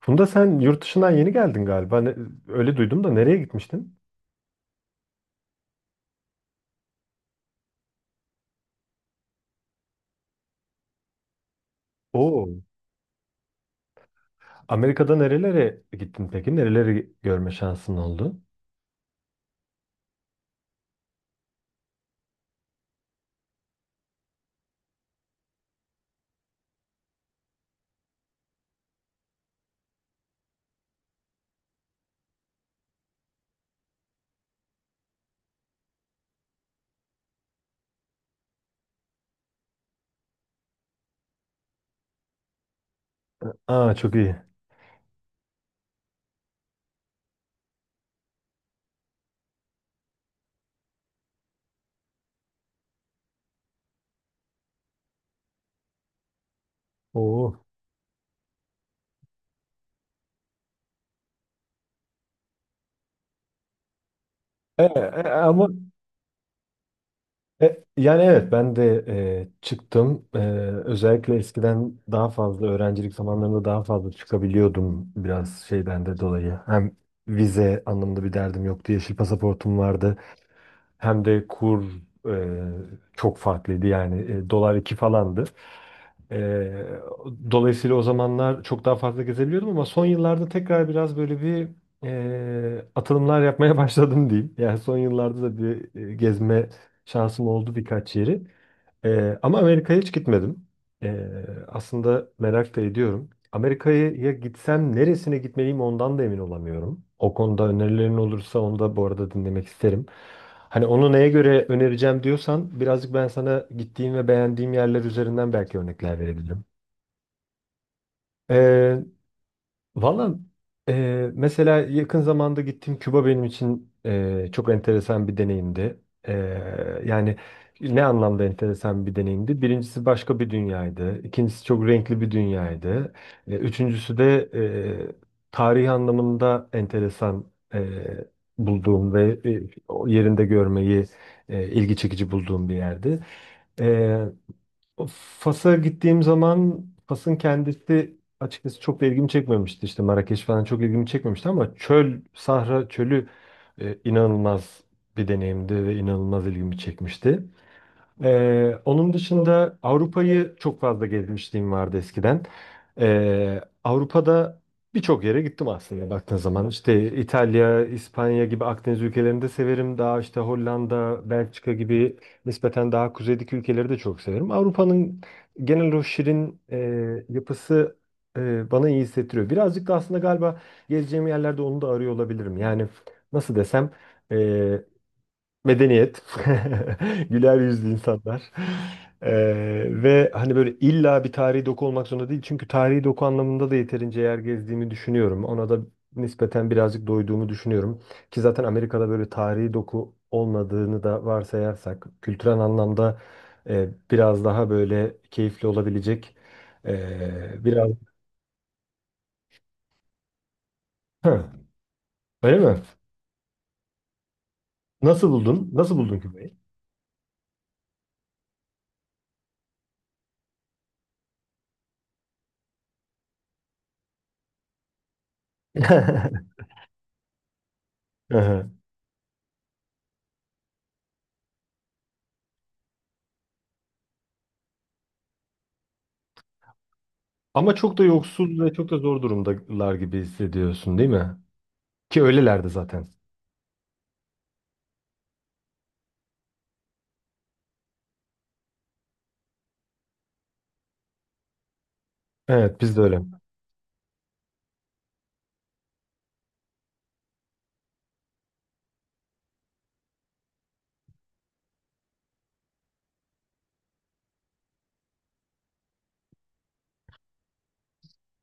Funda sen yurt dışından yeni geldin galiba. Öyle duydum da nereye gitmiştin? Oo. Amerika'da nerelere gittin peki? Nereleri görme şansın oldu? Aa çok iyi. Oo. E, e, ama yani evet ben de çıktım. Özellikle eskiden daha fazla öğrencilik zamanlarında daha fazla çıkabiliyordum biraz şeyden de dolayı. Hem vize anlamında bir derdim yoktu. Yeşil pasaportum vardı. Hem de kur e, çok farklıydı yani dolar 2 falandı. E, Dolayısıyla o zamanlar çok daha fazla gezebiliyordum ama son yıllarda tekrar biraz böyle bir atılımlar yapmaya başladım diyeyim. Yani son yıllarda da bir gezme şansım oldu birkaç yeri. Ama Amerika'ya hiç gitmedim. Ee, Aslında merak da ediyorum. Amerika'ya ya gitsem neresine gitmeliyim ondan da emin olamıyorum. O konuda önerilerin olursa onu da bu arada dinlemek isterim. Hani onu neye göre önereceğim diyorsan birazcık ben sana gittiğim ve beğendiğim yerler üzerinden belki örnekler verebilirim. Ee, Valla mesela yakın zamanda gittiğim Küba benim için çok enteresan bir deneyimdi. Yani ne anlamda enteresan bir deneyimdi? Birincisi başka bir dünyaydı. İkincisi çok renkli bir dünyaydı. Üçüncüsü de tarihi anlamında enteresan eee, bulduğum ve o yerinde görmeyi ilgi çekici bulduğum bir yerdi. O Fas'a gittiğim zaman Fas'ın kendisi açıkçası çok da ilgimi çekmemişti. İşte Marrakeş falan çok ilgimi çekmemişti ama çöl, Sahra çölü inanılmaz bir deneyimdi ve inanılmaz ilgimi çekmişti. Onun dışında Avrupa'yı çok fazla gezmişliğim vardı eskiden. Avrupa'da birçok yere gittim aslında baktığın zaman. İşte İtalya, İspanya gibi Akdeniz ülkelerini de severim. Daha işte Hollanda, Belçika gibi nispeten daha kuzeydeki ülkeleri de çok severim. Avrupa'nın genel o şirin yapısı bana iyi hissettiriyor. Birazcık da aslında galiba gezeceğim yerlerde onu da arıyor olabilirim. Yani nasıl desem, e, medeniyet, güler yüzlü insanlar. Ve hani böyle illa bir tarihi doku olmak zorunda değil. Çünkü tarihi doku anlamında da yeterince yer gezdiğimi düşünüyorum. Ona da nispeten birazcık doyduğumu düşünüyorum. Ki zaten Amerika'da böyle tarihi doku olmadığını da varsayarsak kültürel anlamda biraz daha böyle keyifli olabilecek biraz. Hı, öyle mi? Nasıl buldun? Nasıl buldun Küba'yı? Ama çok da yoksul ve çok da zor durumdalar gibi hissediyorsun, değil mi? Ki öylelerdi zaten. Evet, biz de öyle.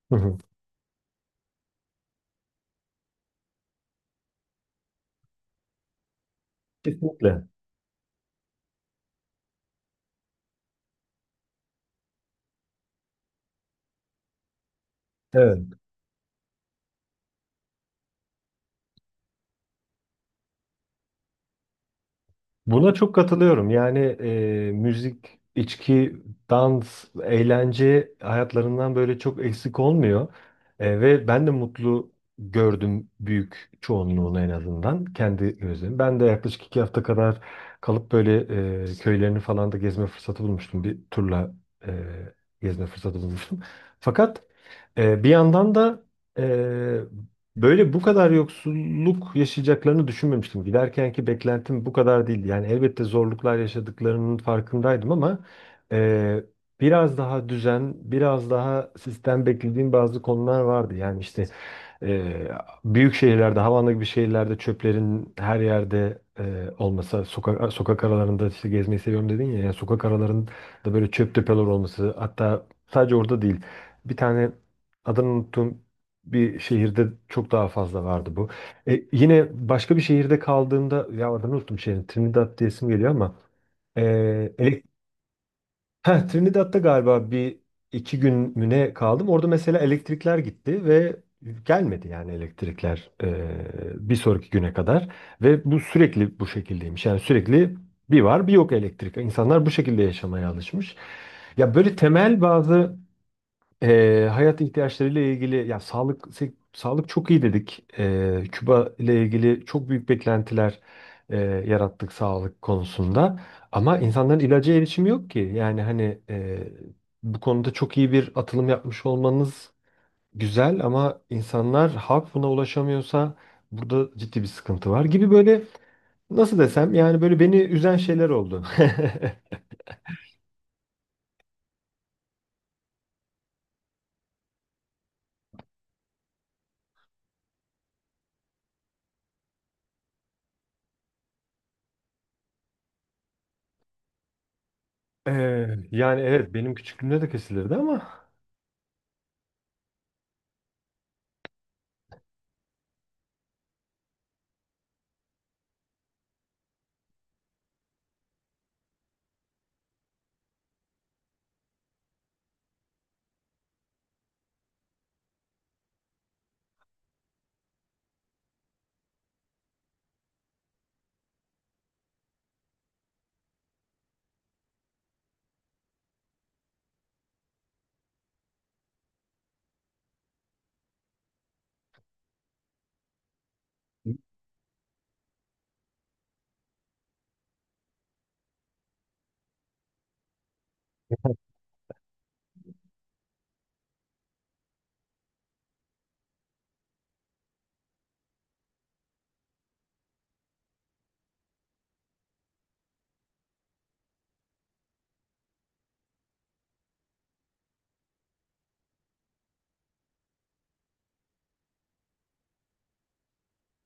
Hı hı. Kesinlikle. Evet. Buna çok katılıyorum. Yani müzik, içki, dans, eğlence hayatlarından böyle çok eksik olmuyor. Ve ben de mutlu gördüm büyük çoğunluğunu en azından kendi gözlerim. Ben de yaklaşık 2 hafta kadar kalıp böyle köylerini falan da gezme fırsatı bulmuştum. Bir turla e, gezme fırsatı bulmuştum. Fakat bir yandan da e, Böyle bu kadar yoksulluk yaşayacaklarını düşünmemiştim. Giderkenki beklentim bu kadar değildi. Yani elbette zorluklar yaşadıklarının farkındaydım ama e, biraz daha düzen, biraz daha sistem beklediğim bazı konular vardı. Yani işte e, büyük şehirlerde, Havana gibi şehirlerde çöplerin her yerde olması, sokak aralarında işte gezmeyi seviyorum dedin ya, yani sokak aralarında böyle çöp tepeler olması, hatta sadece orada değil. Bir tane adını unuttum bir şehirde çok daha fazla vardı bu. Yine başka bir şehirde kaldığımda ya adını unuttum şehrin Trinidad diyesim geliyor ama e, elek- heh, Trinidad'da galiba bir iki gün müne kaldım. Orada mesela elektrikler gitti ve gelmedi yani elektrikler bir sonraki güne kadar ve bu sürekli bu şekildeymiş. Yani sürekli bir var bir yok elektrik. İnsanlar bu şekilde yaşamaya alışmış. Ya böyle temel bazı hayat ihtiyaçlarıyla ilgili ya sağlık çok iyi dedik. Küba ile ilgili çok büyük beklentiler eee, yarattık sağlık konusunda. Ama insanların ilaca erişimi yok ki. Yani hani bu konuda çok iyi bir atılım yapmış olmanız güzel ama insanlar halk buna ulaşamıyorsa burada ciddi bir sıkıntı var gibi böyle nasıl desem, yani böyle beni üzen şeyler oldu. Yani evet benim küçüklüğümde de kesilirdi ama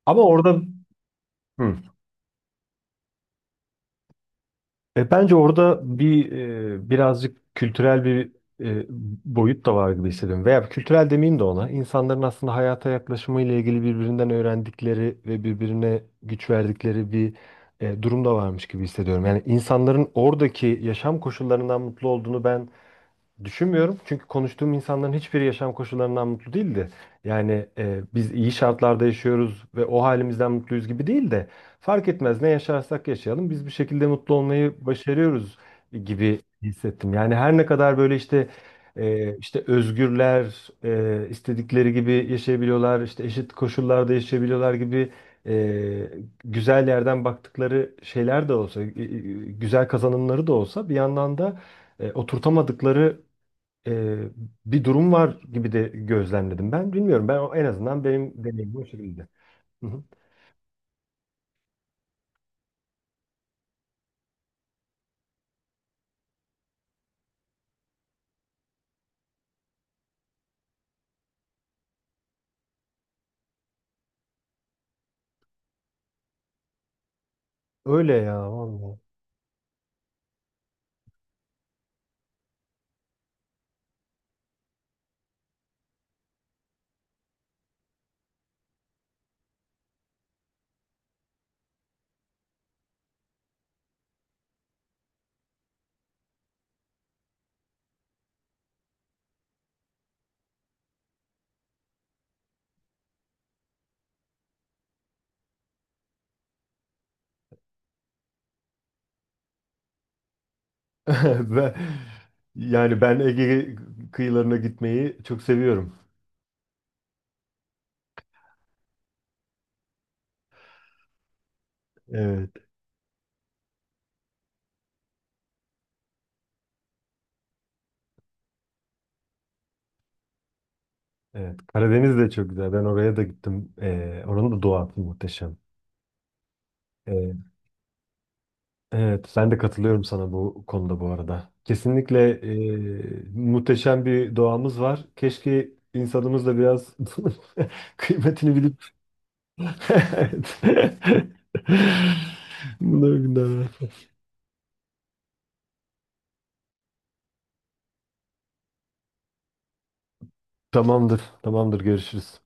ama orada. Hı. Bence orada bir birazcık kültürel bir e, boyut da var gibi hissediyorum. Veya kültürel demeyeyim de ona. İnsanların aslında hayata yaklaşımı ile ilgili birbirinden öğrendikleri ve birbirine güç verdikleri bir durum da varmış gibi hissediyorum. Yani insanların oradaki yaşam koşullarından mutlu olduğunu ben düşünmüyorum çünkü konuştuğum insanların hiçbiri yaşam koşullarından mutlu değildi. Yani biz iyi şartlarda yaşıyoruz ve o halimizden mutluyuz gibi değil de fark etmez ne yaşarsak yaşayalım biz bir şekilde mutlu olmayı başarıyoruz gibi hissettim. Yani her ne kadar böyle işte işte özgürler, istedikleri gibi yaşayabiliyorlar, işte eşit koşullarda yaşayabiliyorlar gibi e, güzel yerden baktıkları şeyler de olsa, güzel kazanımları da olsa bir yandan da oturtamadıkları e, bir durum var gibi de gözlemledim ben. Bilmiyorum ben en azından benim deneyimim o şekilde. Hı hı. Öyle ya vallahi. Ben, yani ben Ege kıyılarına gitmeyi çok seviyorum. Evet, evet. Karadeniz de çok güzel. Ben oraya da gittim. Oranın da doğası muhteşem. E, evet, ben de katılıyorum sana bu konuda bu arada. Kesinlikle muhteşem bir doğamız var. Keşke insanımız da biraz kıymetini bilip. Evet. Bunlar günler. Tamamdır. Tamamdır. Görüşürüz.